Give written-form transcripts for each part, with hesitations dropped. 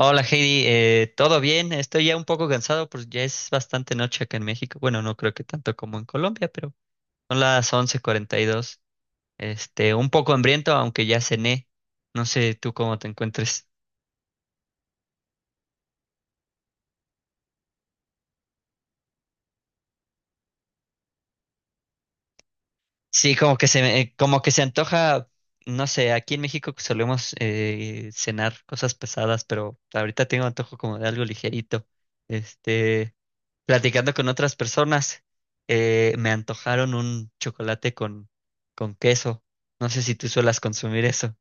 Hola Heidi, ¿todo bien? Estoy ya un poco cansado, pues ya es bastante noche acá en México. Bueno, no creo que tanto como en Colombia, pero son las 11:42. Un poco hambriento, aunque ya cené. No sé tú cómo te encuentres. Sí, como que se antoja, no sé, aquí en México solemos cenar cosas pesadas, pero ahorita tengo antojo como de algo ligerito. Este, Platicando con otras personas, me antojaron un chocolate con queso. No sé si tú suelas consumir eso.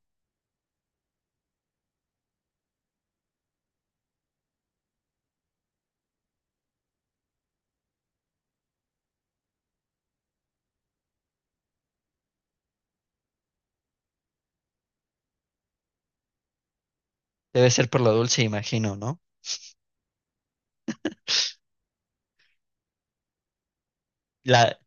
Debe ser por lo dulce, imagino, ¿no? La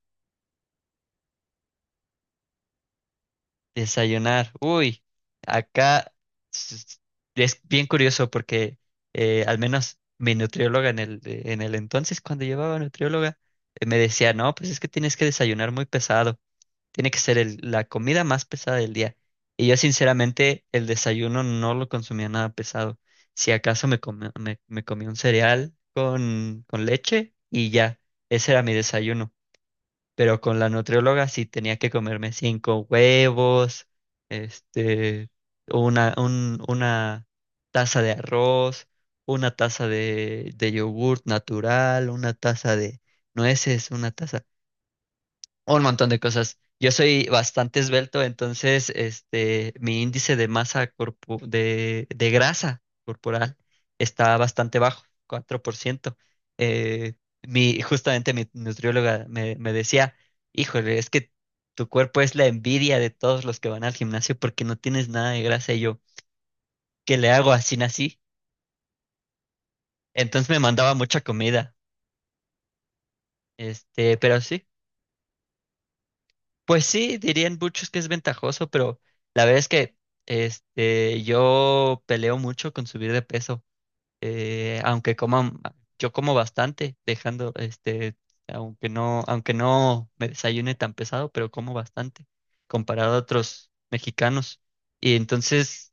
Desayunar. Uy, acá s- es bien curioso porque al menos mi nutrióloga en el, entonces, cuando llevaba nutrióloga, me decía, no, pues es que tienes que desayunar muy pesado. Tiene que ser la comida más pesada del día. Y yo sinceramente el desayuno no lo consumía nada pesado. Si acaso me comí un cereal con leche y ya, ese era mi desayuno. Pero con la nutrióloga sí tenía que comerme cinco huevos, este, una taza de arroz, una taza de yogurt natural, una taza de nueces, una taza. Un montón de cosas. Yo soy bastante esbelto, entonces mi índice de masa de grasa corporal está bastante bajo, 4%. Eh, Justamente mi nutrióloga me decía, híjole, es que tu cuerpo es la envidia de todos los que van al gimnasio porque no tienes nada de grasa y yo, ¿qué le hago? Así nací. Entonces me mandaba mucha comida, pero sí. Pues sí, dirían muchos que es ventajoso, pero la verdad es que yo peleo mucho con subir de peso, aunque coman, yo como bastante, dejando, aunque no me desayune tan pesado, pero como bastante, comparado a otros mexicanos. Y entonces.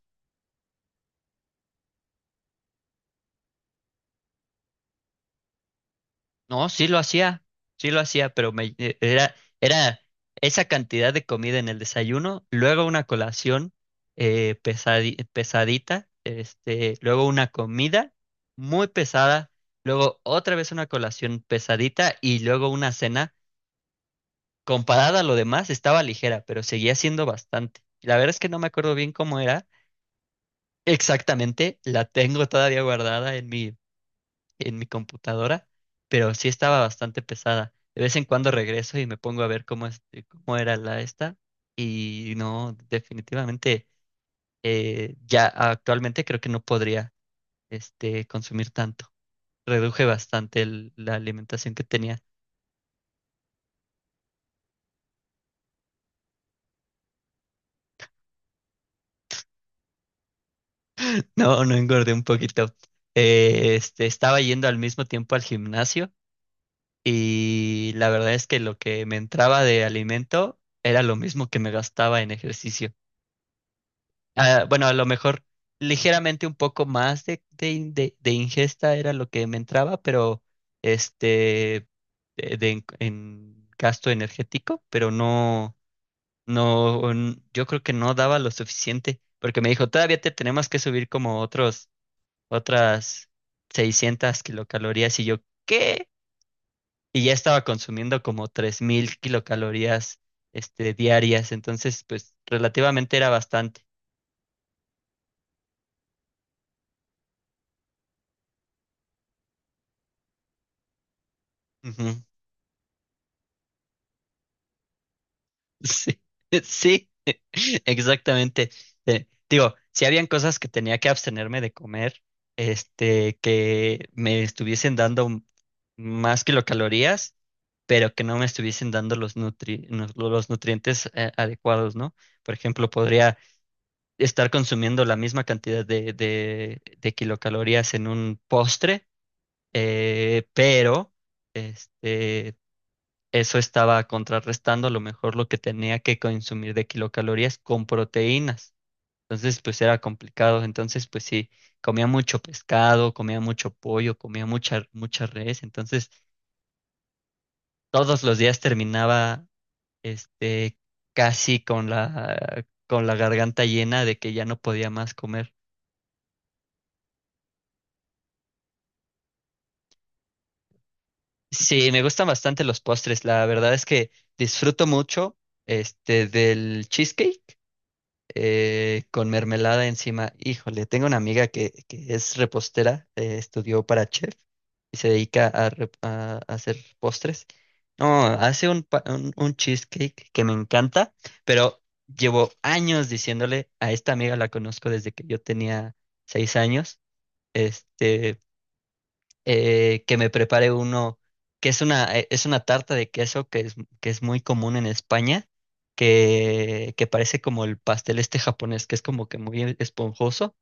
No, sí lo hacía, pero era esa cantidad de comida en el desayuno, luego una colación pesadita, luego una comida muy pesada, luego otra vez una colación pesadita y luego una cena. Comparada a lo demás, estaba ligera, pero seguía siendo bastante. La verdad es que no me acuerdo bien cómo era exactamente, la tengo todavía guardada en mi computadora, pero sí estaba bastante pesada. De vez en cuando regreso y me pongo a ver cómo, cómo era la esta, y no, definitivamente ya actualmente creo que no podría consumir tanto. Reduje bastante la alimentación que tenía. No, no engordé un poquito. Estaba yendo al mismo tiempo al gimnasio, y la verdad es que lo que me entraba de alimento era lo mismo que me gastaba en ejercicio. Ah, bueno, a lo mejor ligeramente un poco más de ingesta era lo que me entraba, pero este, en gasto energético, pero no, no, yo creo que no daba lo suficiente, porque me dijo, todavía te tenemos que subir como otras 600 kilocalorías, y yo, ¿qué? Y ya estaba consumiendo como 3.000 kilocalorías, diarias, entonces, pues, relativamente era bastante. Sí, sí, exactamente. Digo, si habían cosas que tenía que abstenerme de comer, que me estuviesen dando más kilocalorías, pero que no me estuviesen dando los nutrientes adecuados, ¿no? Por ejemplo, podría estar consumiendo la misma cantidad de kilocalorías en un postre, pero este eso estaba contrarrestando a lo mejor lo que tenía que consumir de kilocalorías con proteínas. Entonces, pues era complicado. Entonces, pues sí, comía mucho pescado, comía mucho pollo, comía mucha res. Entonces, todos los días terminaba, este, casi con la garganta llena de que ya no podía más comer. Sí, me gustan bastante los postres. La verdad es que disfruto mucho, del cheesecake con mermelada encima. Híjole, tengo una amiga que es repostera, estudió para chef y se dedica a hacer postres. No, hace un cheesecake que me encanta, pero llevo años diciéndole a esta amiga, la conozco desde que yo tenía 6 años. Este, que me prepare uno, que es es una tarta de queso que es muy común en España, que parece como el pastel este japonés, que es como que muy esponjoso.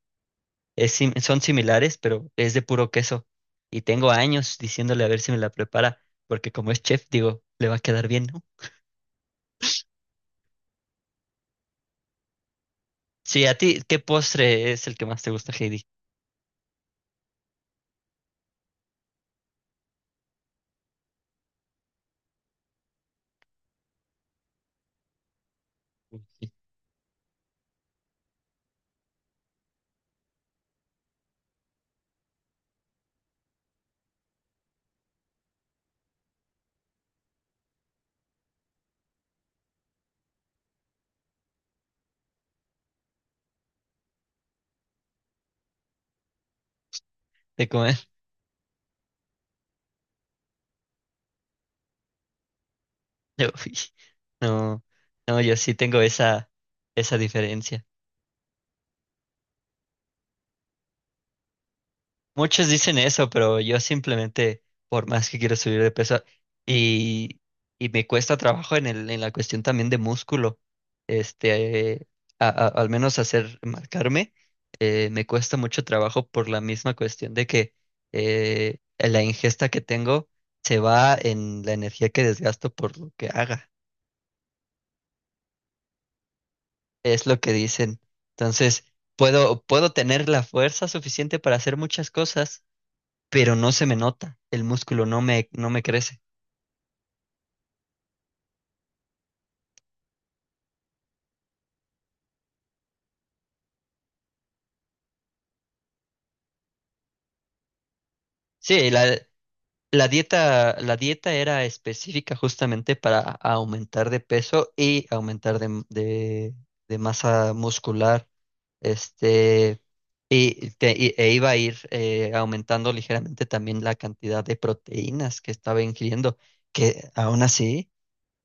Es son similares, pero es de puro queso. Y tengo años diciéndole a ver si me la prepara, porque como es chef, digo, le va a quedar bien, ¿no? Sí, a ti, ¿qué postre es el que más te gusta, Heidi? De comer. Uy, no, no, yo sí tengo esa diferencia. Muchos dicen eso, pero yo simplemente, por más que quiero subir de peso, y, y me cuesta trabajo en el, en la cuestión también de músculo, este, eh, al menos hacer, marcarme, me cuesta mucho trabajo por la misma cuestión de que la ingesta que tengo se va en la energía que desgasto por lo que haga, es lo que dicen. Entonces, puedo tener la fuerza suficiente para hacer muchas cosas, pero no se me nota, el músculo no me crece. Sí, la dieta era específica justamente para aumentar de peso y aumentar de masa muscular. Este, Iba a ir aumentando ligeramente también la cantidad de proteínas que estaba ingiriendo, que aún así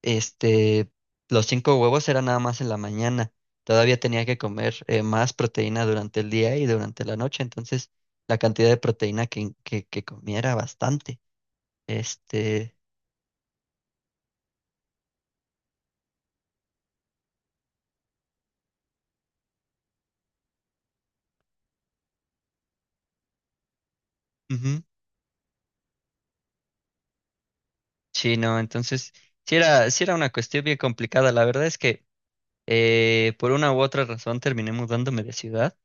este, los cinco huevos eran nada más en la mañana. Todavía tenía que comer más proteína durante el día y durante la noche. Entonces, la cantidad de proteína que comiera bastante. Este, Ujú. Sí, no, entonces, sí era una cuestión bien complicada. La verdad es que por una u otra razón terminé mudándome de ciudad.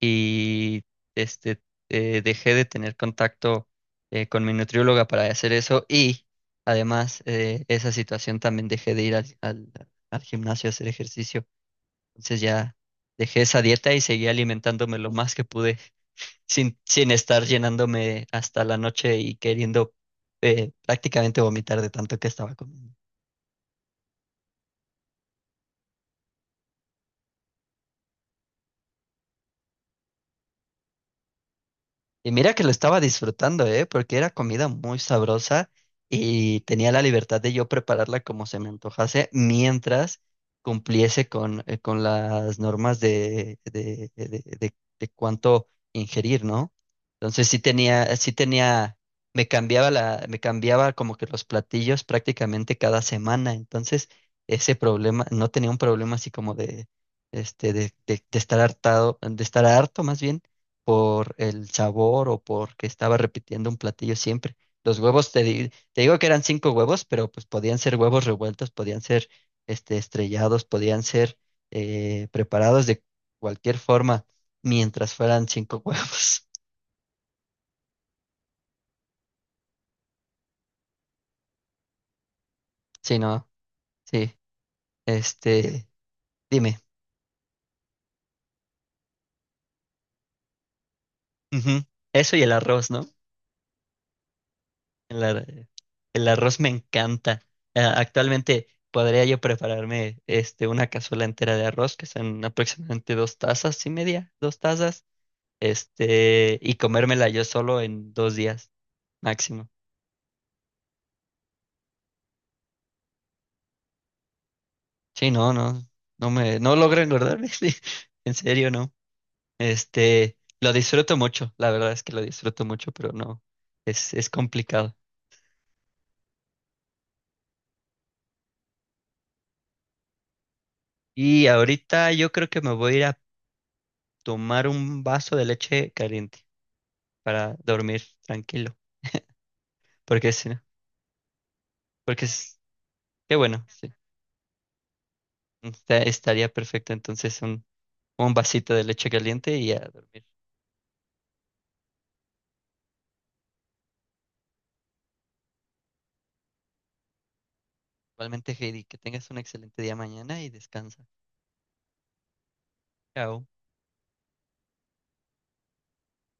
Y este, dejé de tener contacto con mi nutrióloga para hacer eso, y además esa situación también dejé de ir al, al gimnasio a hacer ejercicio. Entonces ya dejé esa dieta y seguí alimentándome lo más que pude, sin estar llenándome hasta la noche y queriendo prácticamente vomitar de tanto que estaba comiendo. Y mira que lo estaba disfrutando, ¿eh? Porque era comida muy sabrosa y tenía la libertad de yo prepararla como se me antojase mientras cumpliese con las normas de de cuánto ingerir, ¿no? Entonces sí tenía, me cambiaba como que los platillos prácticamente cada semana. Entonces, ese problema, no tenía un problema así como de estar hartado, de estar harto más bien por el sabor o porque estaba repitiendo un platillo siempre. Los huevos, te digo que eran cinco huevos, pero pues podían ser huevos revueltos, podían ser estrellados, podían ser preparados de cualquier forma, mientras fueran cinco huevos. Sí, no, sí, este, dime. Ujú. Eso y el arroz, ¿no? El, ar- el arroz me encanta. Ah, actualmente podría yo prepararme una cazuela entera de arroz, que son aproximadamente 2 tazas y media, 2 tazas, y comérmela yo solo en 2 días máximo. Sí, no, no, no logro engordarme, sí, en serio, no. Lo disfruto mucho, la verdad es que lo disfruto mucho, pero no, es complicado. Y ahorita yo creo que me voy a ir a tomar un vaso de leche caliente para dormir tranquilo. Porque si no, porque es, qué bueno, sí. Estaría perfecto entonces un vasito de leche caliente y a dormir. Igualmente, Heidi, que tengas un excelente día mañana y descansa. Chao.